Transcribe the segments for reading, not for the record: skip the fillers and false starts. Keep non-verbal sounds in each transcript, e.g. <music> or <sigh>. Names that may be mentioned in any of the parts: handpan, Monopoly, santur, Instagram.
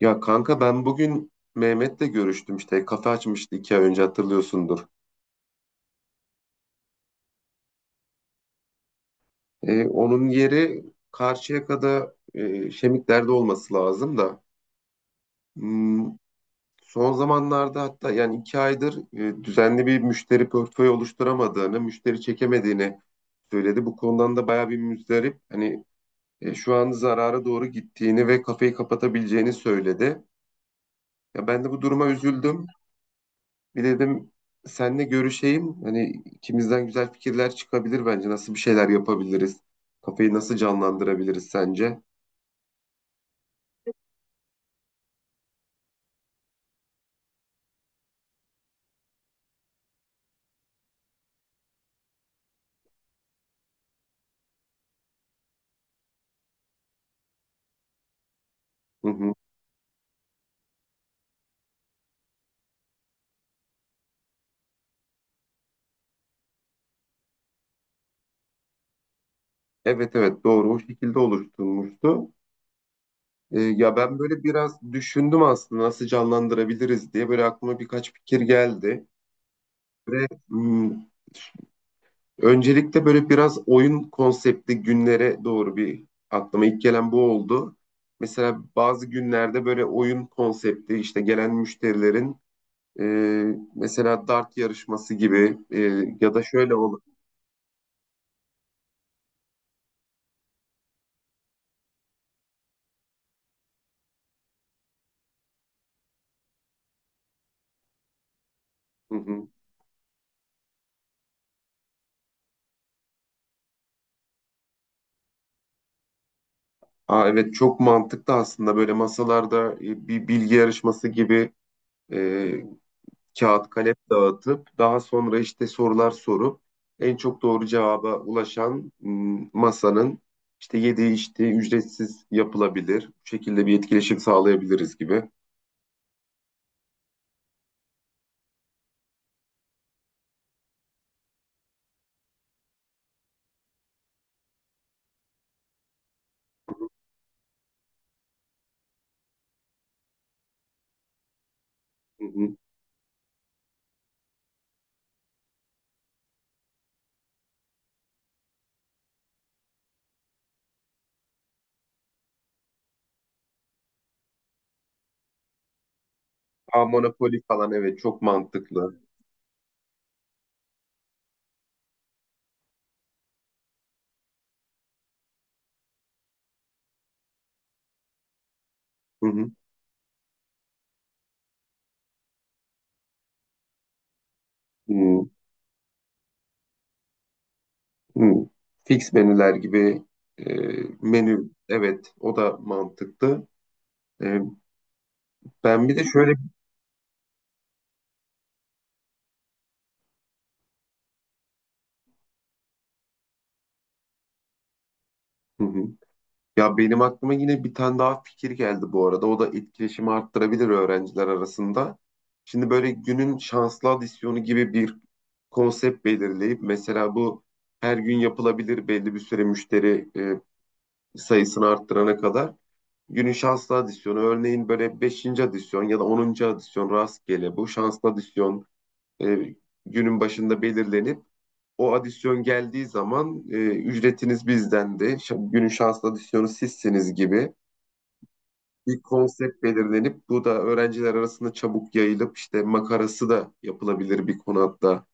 Ya kanka ben bugün Mehmet'le görüştüm, işte kafe açmıştı iki ay önce, hatırlıyorsundur. Onun yeri Karşıyaka'da, Şemikler'de olması lazım da hmm, son zamanlarda, hatta yani iki aydır düzenli bir müşteri portföyü oluşturamadığını, müşteri çekemediğini söyledi. Bu konudan da bayağı bir müzdarip. Hani şu an zarara doğru gittiğini ve kafeyi kapatabileceğini söyledi. Ya ben de bu duruma üzüldüm. Bir dedim senle görüşeyim. Hani ikimizden güzel fikirler çıkabilir bence. Nasıl bir şeyler yapabiliriz? Kafayı nasıl canlandırabiliriz sence? Hı hı. Evet evet, doğru, o şekilde oluşturulmuştu. Ya ben böyle biraz düşündüm, aslında nasıl canlandırabiliriz diye böyle aklıma birkaç fikir geldi. Ve öncelikle böyle biraz oyun konseptli günlere doğru, bir aklıma ilk gelen bu oldu. Mesela bazı günlerde böyle oyun konsepti, işte gelen müşterilerin E, mesela dart yarışması gibi, ya da şöyle olur. Hı hı. Aa, evet çok mantıklı, aslında böyle masalarda bir bilgi yarışması gibi, e, kağıt kalem dağıtıp daha sonra işte sorular sorup en çok doğru cevaba ulaşan masanın işte yediği, işte ücretsiz yapılabilir. Bu şekilde bir etkileşim sağlayabiliriz gibi. Hı hı. Aa, Monopoly falan, evet çok mantıklı. Hı hı. Hı. Hmm. Fix menüler gibi, e, menü, evet o da mantıklı. E, Ben bir de şöyle. Hı hı. Ya benim aklıma yine bir tane daha fikir geldi bu arada. O da etkileşimi arttırabilir öğrenciler arasında. Şimdi böyle günün şanslı adisyonu gibi bir konsept belirleyip, mesela bu her gün yapılabilir, belli bir süre müşteri sayısını arttırana kadar. Günün şanslı adisyonu örneğin böyle beşinci adisyon ya da onuncu adisyon, rastgele bu şanslı adisyon e, günün başında belirlenip o adisyon geldiği zaman ücretiniz bizdendi, günün şanslı adisyonu sizsiniz gibi bir konsept belirlenip, bu da öğrenciler arasında çabuk yayılıp, işte makarası da yapılabilir bir konu hatta.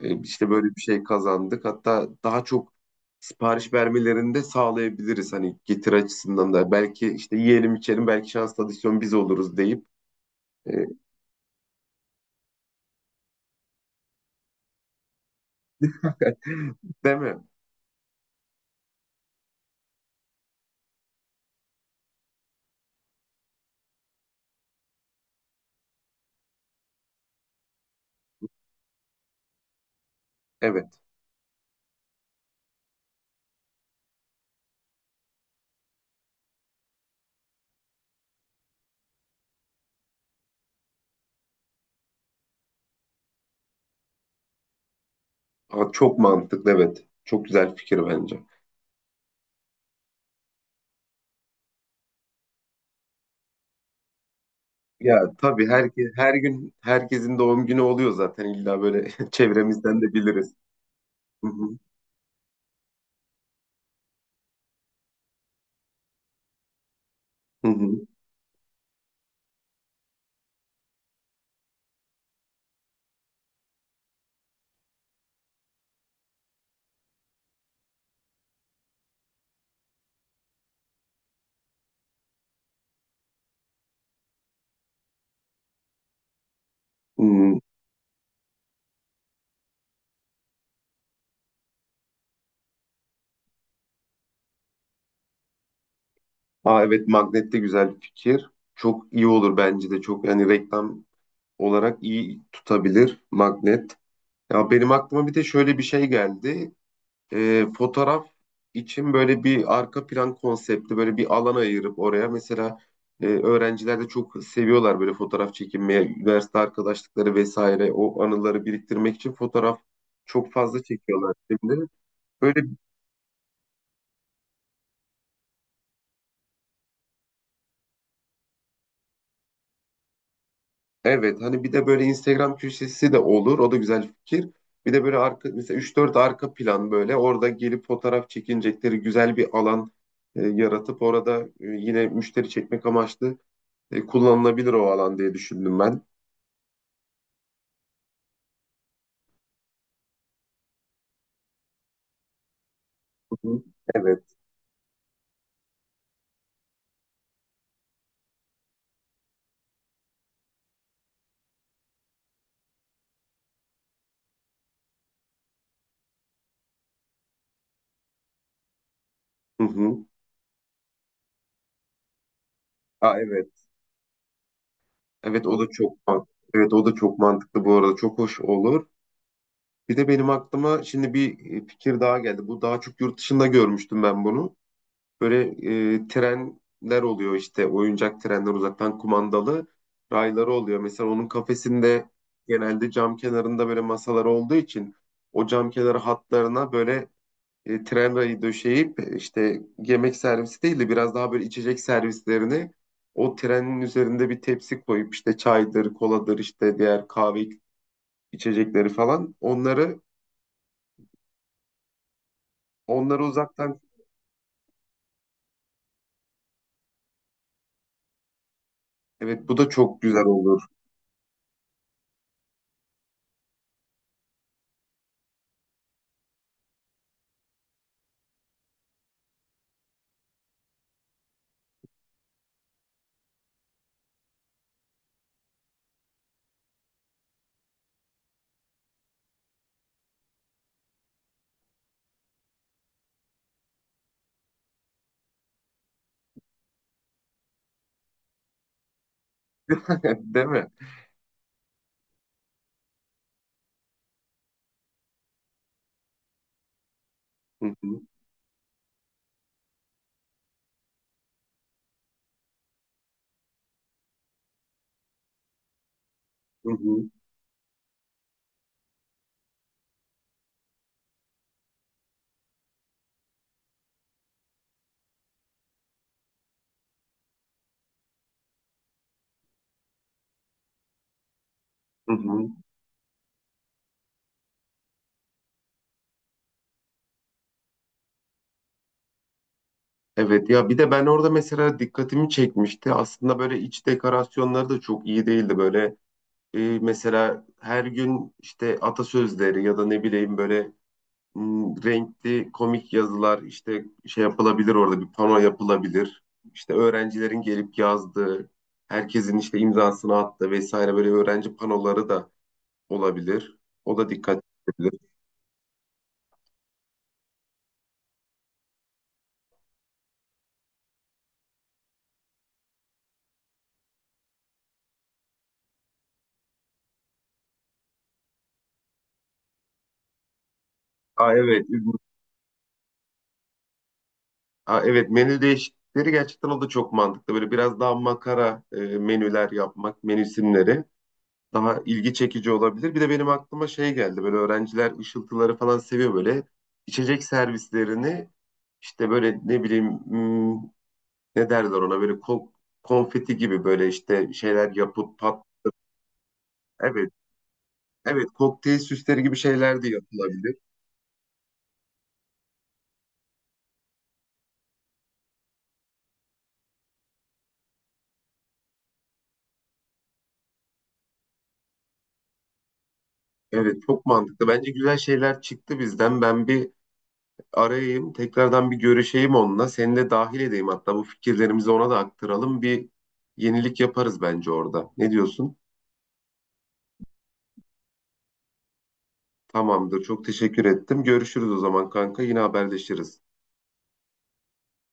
İşte böyle bir şey kazandık. Hatta daha çok sipariş vermelerini de sağlayabiliriz, hani getir açısından da. Belki işte yiyelim içelim, belki şanslı adisyon biz oluruz deyip. E, Değil mi? Evet. Aa, çok mantıklı, evet. Çok güzel fikir bence. Ya tabii her, her gün herkesin doğum günü oluyor zaten, illa böyle, <laughs> çevremizden de biliriz. Hı hı, hı hı, hı. Aa, evet magnet de güzel bir fikir. Çok iyi olur bence de, çok yani reklam olarak iyi tutabilir magnet. Ya benim aklıma bir de şöyle bir şey geldi. Fotoğraf için böyle bir arka plan konsepti, böyle bir alan ayırıp oraya, mesela öğrenciler de çok seviyorlar böyle fotoğraf çekinmeye, üniversite arkadaşlıkları vesaire, o anıları biriktirmek için fotoğraf çok fazla çekiyorlar şimdi. Böyle evet, hani bir de böyle Instagram köşesi de olur. O da güzel fikir. Bir de böyle arka, mesela üç dört arka plan, böyle orada gelip fotoğraf çekinecekleri güzel bir alan yaratıp orada yine müşteri çekmek amaçlı kullanılabilir o alan diye düşündüm ben. Hı hı. Evet. Hı hı. Aa, evet. Evet o da çok mantıklı. Evet o da çok mantıklı bu arada. Çok hoş olur. Bir de benim aklıma şimdi bir fikir daha geldi. Bu daha çok yurt dışında görmüştüm ben bunu. Böyle trenler oluyor, işte oyuncak trenler, uzaktan kumandalı rayları oluyor. Mesela onun kafesinde genelde cam kenarında böyle masalar olduğu için, o cam kenarı hatlarına böyle tren rayı döşeyip, işte yemek servisi değil de biraz daha böyle içecek servislerini o trenin üzerinde bir tepsi koyup, işte çaydır, koladır, işte diğer kahve içecekleri falan, onları uzaktan, evet bu da çok güzel olur. <laughs> Değil mi? Hı hı, hı hı, hı hı. Evet, ya bir de ben orada mesela dikkatimi çekmişti. Aslında böyle iç dekorasyonları da çok iyi değildi böyle. Mesela her gün işte atasözleri ya da ne bileyim böyle renkli komik yazılar, işte şey yapılabilir orada, bir pano yapılabilir. İşte öğrencilerin gelip yazdığı, herkesin işte imzasını attığı vesaire, böyle öğrenci panoları da olabilir. O da dikkat edilebilir. Aa evet. İzmir- Aa, evet menü değişiklikleri, gerçekten o da çok mantıklı. Böyle biraz daha makara menüler yapmak, menü isimleri daha ilgi çekici olabilir. Bir de benim aklıma şey geldi. Böyle öğrenciler ışıltıları falan seviyor böyle. İçecek servislerini işte böyle ne bileyim, ne derler ona böyle, konfeti gibi böyle işte şeyler yapıp pat. Evet. Evet kokteyl süsleri gibi şeyler de yapılabilir. Evet çok mantıklı. Bence güzel şeyler çıktı bizden. Ben bir arayayım. Tekrardan bir görüşeyim onunla. Seni de dahil edeyim hatta, bu fikirlerimizi ona da aktaralım. Bir yenilik yaparız bence orada. Ne diyorsun? Tamamdır. Çok teşekkür ettim. Görüşürüz o zaman kanka. Yine haberleşiriz.